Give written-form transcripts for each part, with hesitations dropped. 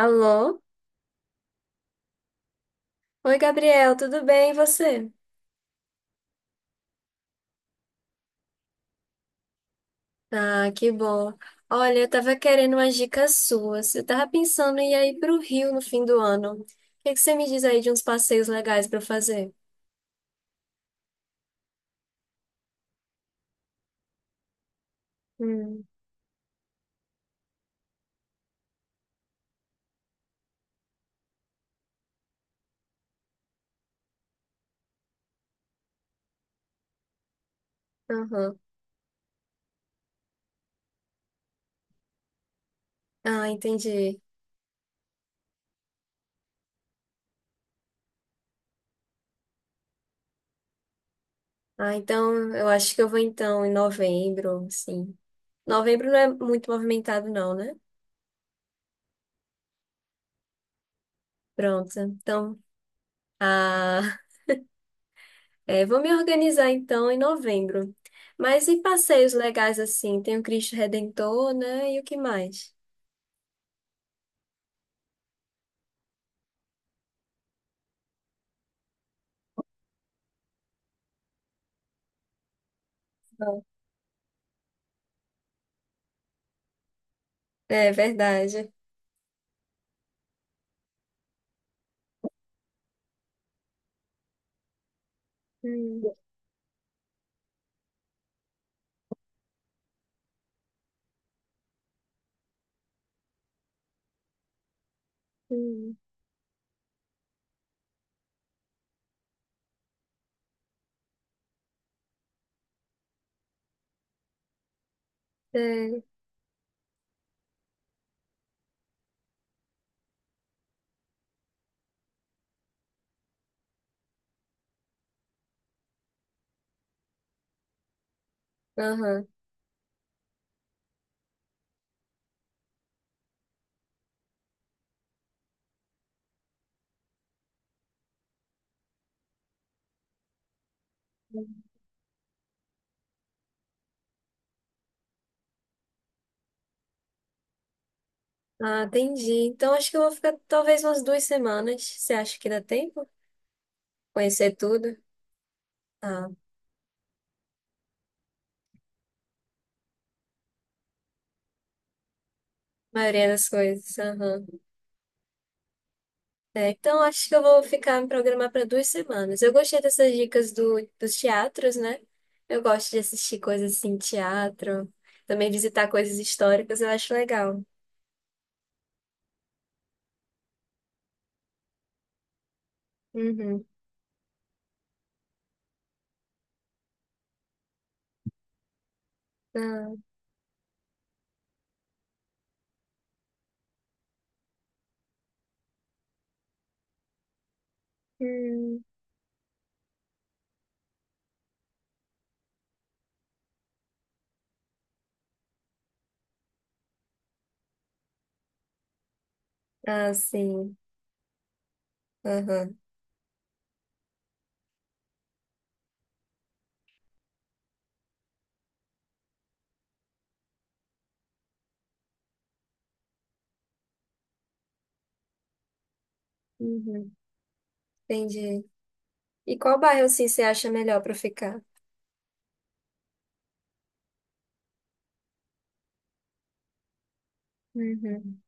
Alô? Oi, Gabriel, tudo bem? E você? Ah, que bom. Olha, eu tava querendo umas dicas suas. Eu tava pensando em ir aí pro Rio no fim do ano. O que você me diz aí de uns passeios legais pra eu fazer? Hum, aham. Ah, entendi. Ah, então eu acho que eu vou então em novembro, sim. Novembro não é muito movimentado, não, né? Pronto. Então, ah, é, vou me organizar então em novembro. Mas e passeios legais assim? Tem o Cristo Redentor, né? E o que mais? Não. É verdade. Hum, hum, é. Aham. Ah, entendi. Então acho que eu vou ficar talvez umas duas semanas. Você acha que dá tempo? Conhecer tudo? Ah, a maioria das coisas. Aham. É, então acho que eu vou ficar me programar para duas semanas. Eu gostei dessas dicas dos teatros, né? Eu gosto de assistir coisas assim, teatro, também visitar coisas históricas, eu acho legal. Uhum. Ah, hum. Ah, sim. Aham. Uhum. Entendi. E qual bairro assim você acha melhor para ficar? Uhum.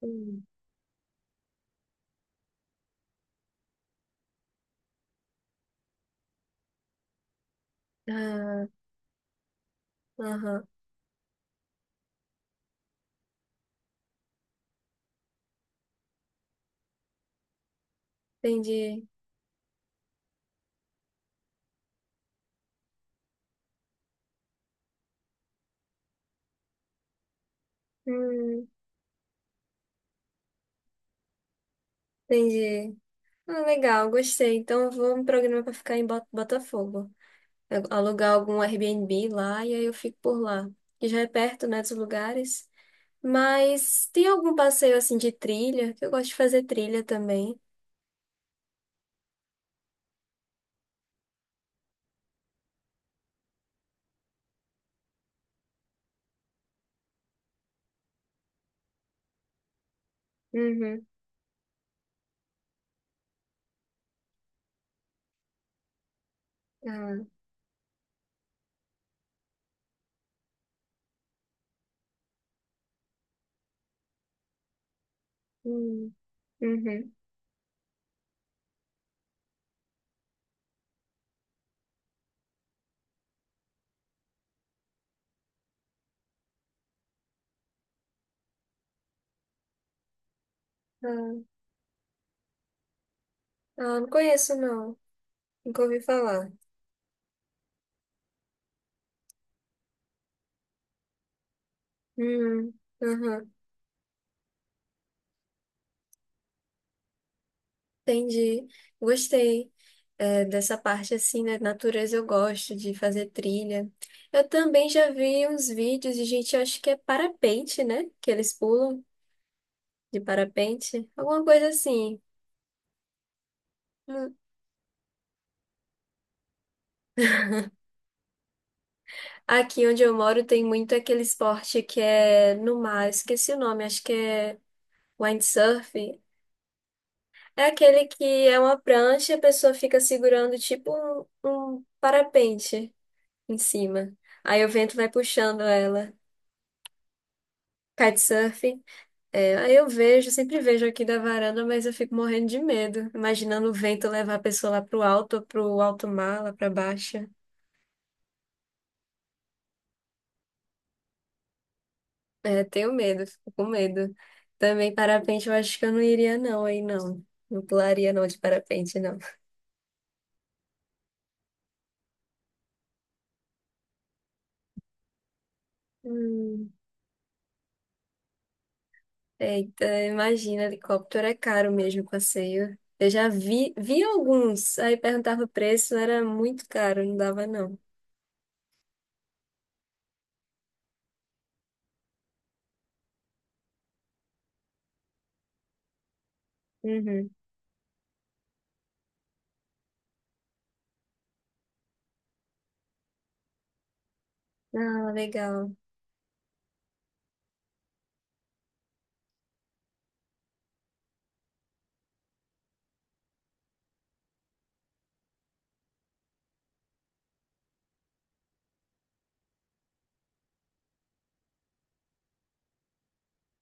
Hum. Ah, aham. Entendi. Hum, entendi. Ah, legal, gostei. Então eu vou me programar para ficar em Botafogo. Alugar algum Airbnb lá e aí eu fico por lá. Que já é perto, né, dos lugares. Mas tem algum passeio assim de trilha, que eu gosto de fazer trilha também. Uhum. Ah, hum, uhum. Ah, ah, não conheço, não. Nunca ouvi falar. Hum, uhum. Entendi. Gostei. É, dessa parte assim, né? Natureza eu gosto de fazer trilha. Eu também já vi uns vídeos de gente, eu acho que é parapente, né? Que eles pulam. De parapente? Alguma coisa assim. Hum. Aqui onde eu moro tem muito aquele esporte que é no mar, eu esqueci o nome, acho que é windsurf. É aquele que é uma prancha e a pessoa fica segurando tipo um parapente em cima. Aí o vento vai puxando ela. Kitesurf. É, aí eu vejo, sempre vejo aqui da varanda, mas eu fico morrendo de medo, imaginando o vento levar a pessoa lá pro alto mar, lá pra baixo. É, tenho medo, fico com medo. Também parapente, eu acho que eu não iria não, aí não. Não pularia não de parapente, não. Hum. Eita, imagina, helicóptero é caro mesmo o passeio. Eu já vi alguns, aí perguntava o preço, era muito caro, não dava não. Uhum. Ah, legal.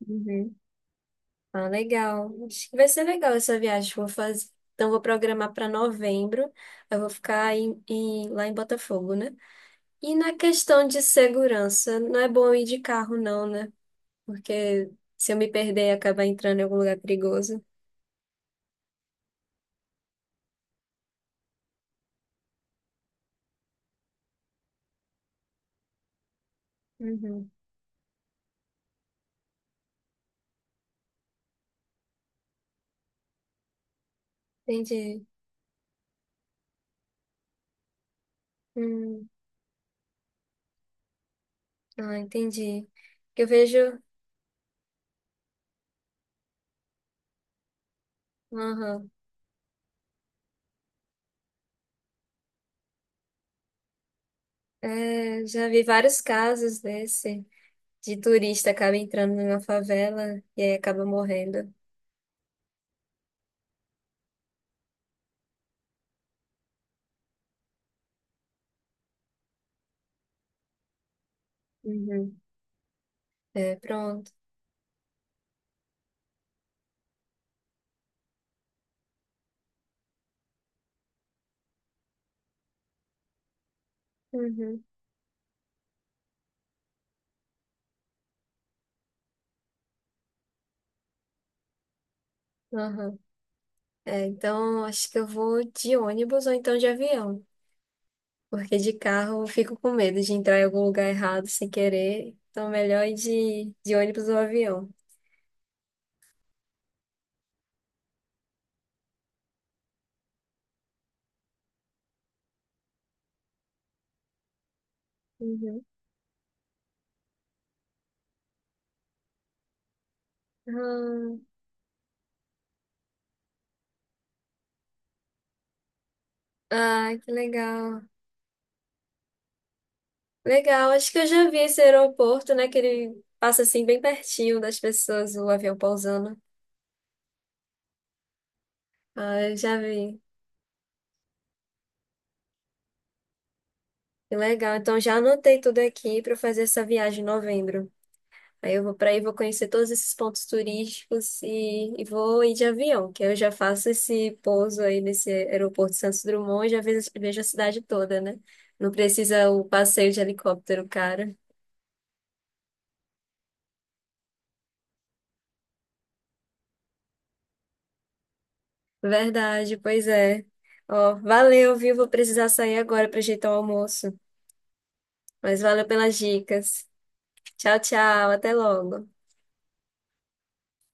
Uhum. Ah, legal. Acho que vai ser legal essa viagem que eu vou fazer. Então, vou programar para novembro. Eu vou ficar lá em Botafogo, né? E na questão de segurança, não é bom ir de carro, não, né? Porque se eu me perder e acabar entrando em algum lugar perigoso. Uhum. Entendi. Hum, ah, entendi. Que eu vejo. Aham. É, já vi vários casos desse, de turista acaba entrando numa favela e aí acaba morrendo. Uhum. É, pronto. Uhum. Aham. É, então acho que eu vou de ônibus ou então de avião. Porque de carro eu fico com medo de entrar em algum lugar errado sem querer. Então, melhor ir de ônibus ou avião. Uhum. Ah, ah, que legal. Legal, acho que eu já vi esse aeroporto, né? Que ele passa assim bem pertinho das pessoas, o avião pousando. Ah, eu já vi. Que legal. Então já anotei tudo aqui para fazer essa viagem em novembro. Aí eu vou para aí, vou conhecer todos esses pontos turísticos e vou ir de avião, que aí eu já faço esse pouso aí nesse aeroporto de Santos Dumont e já vejo a cidade toda, né? Não precisa o passeio de helicóptero, cara. Verdade, pois é. Ó, valeu, viu? Vou precisar sair agora para ajeitar o almoço. Mas valeu pelas dicas. Tchau, tchau, até logo.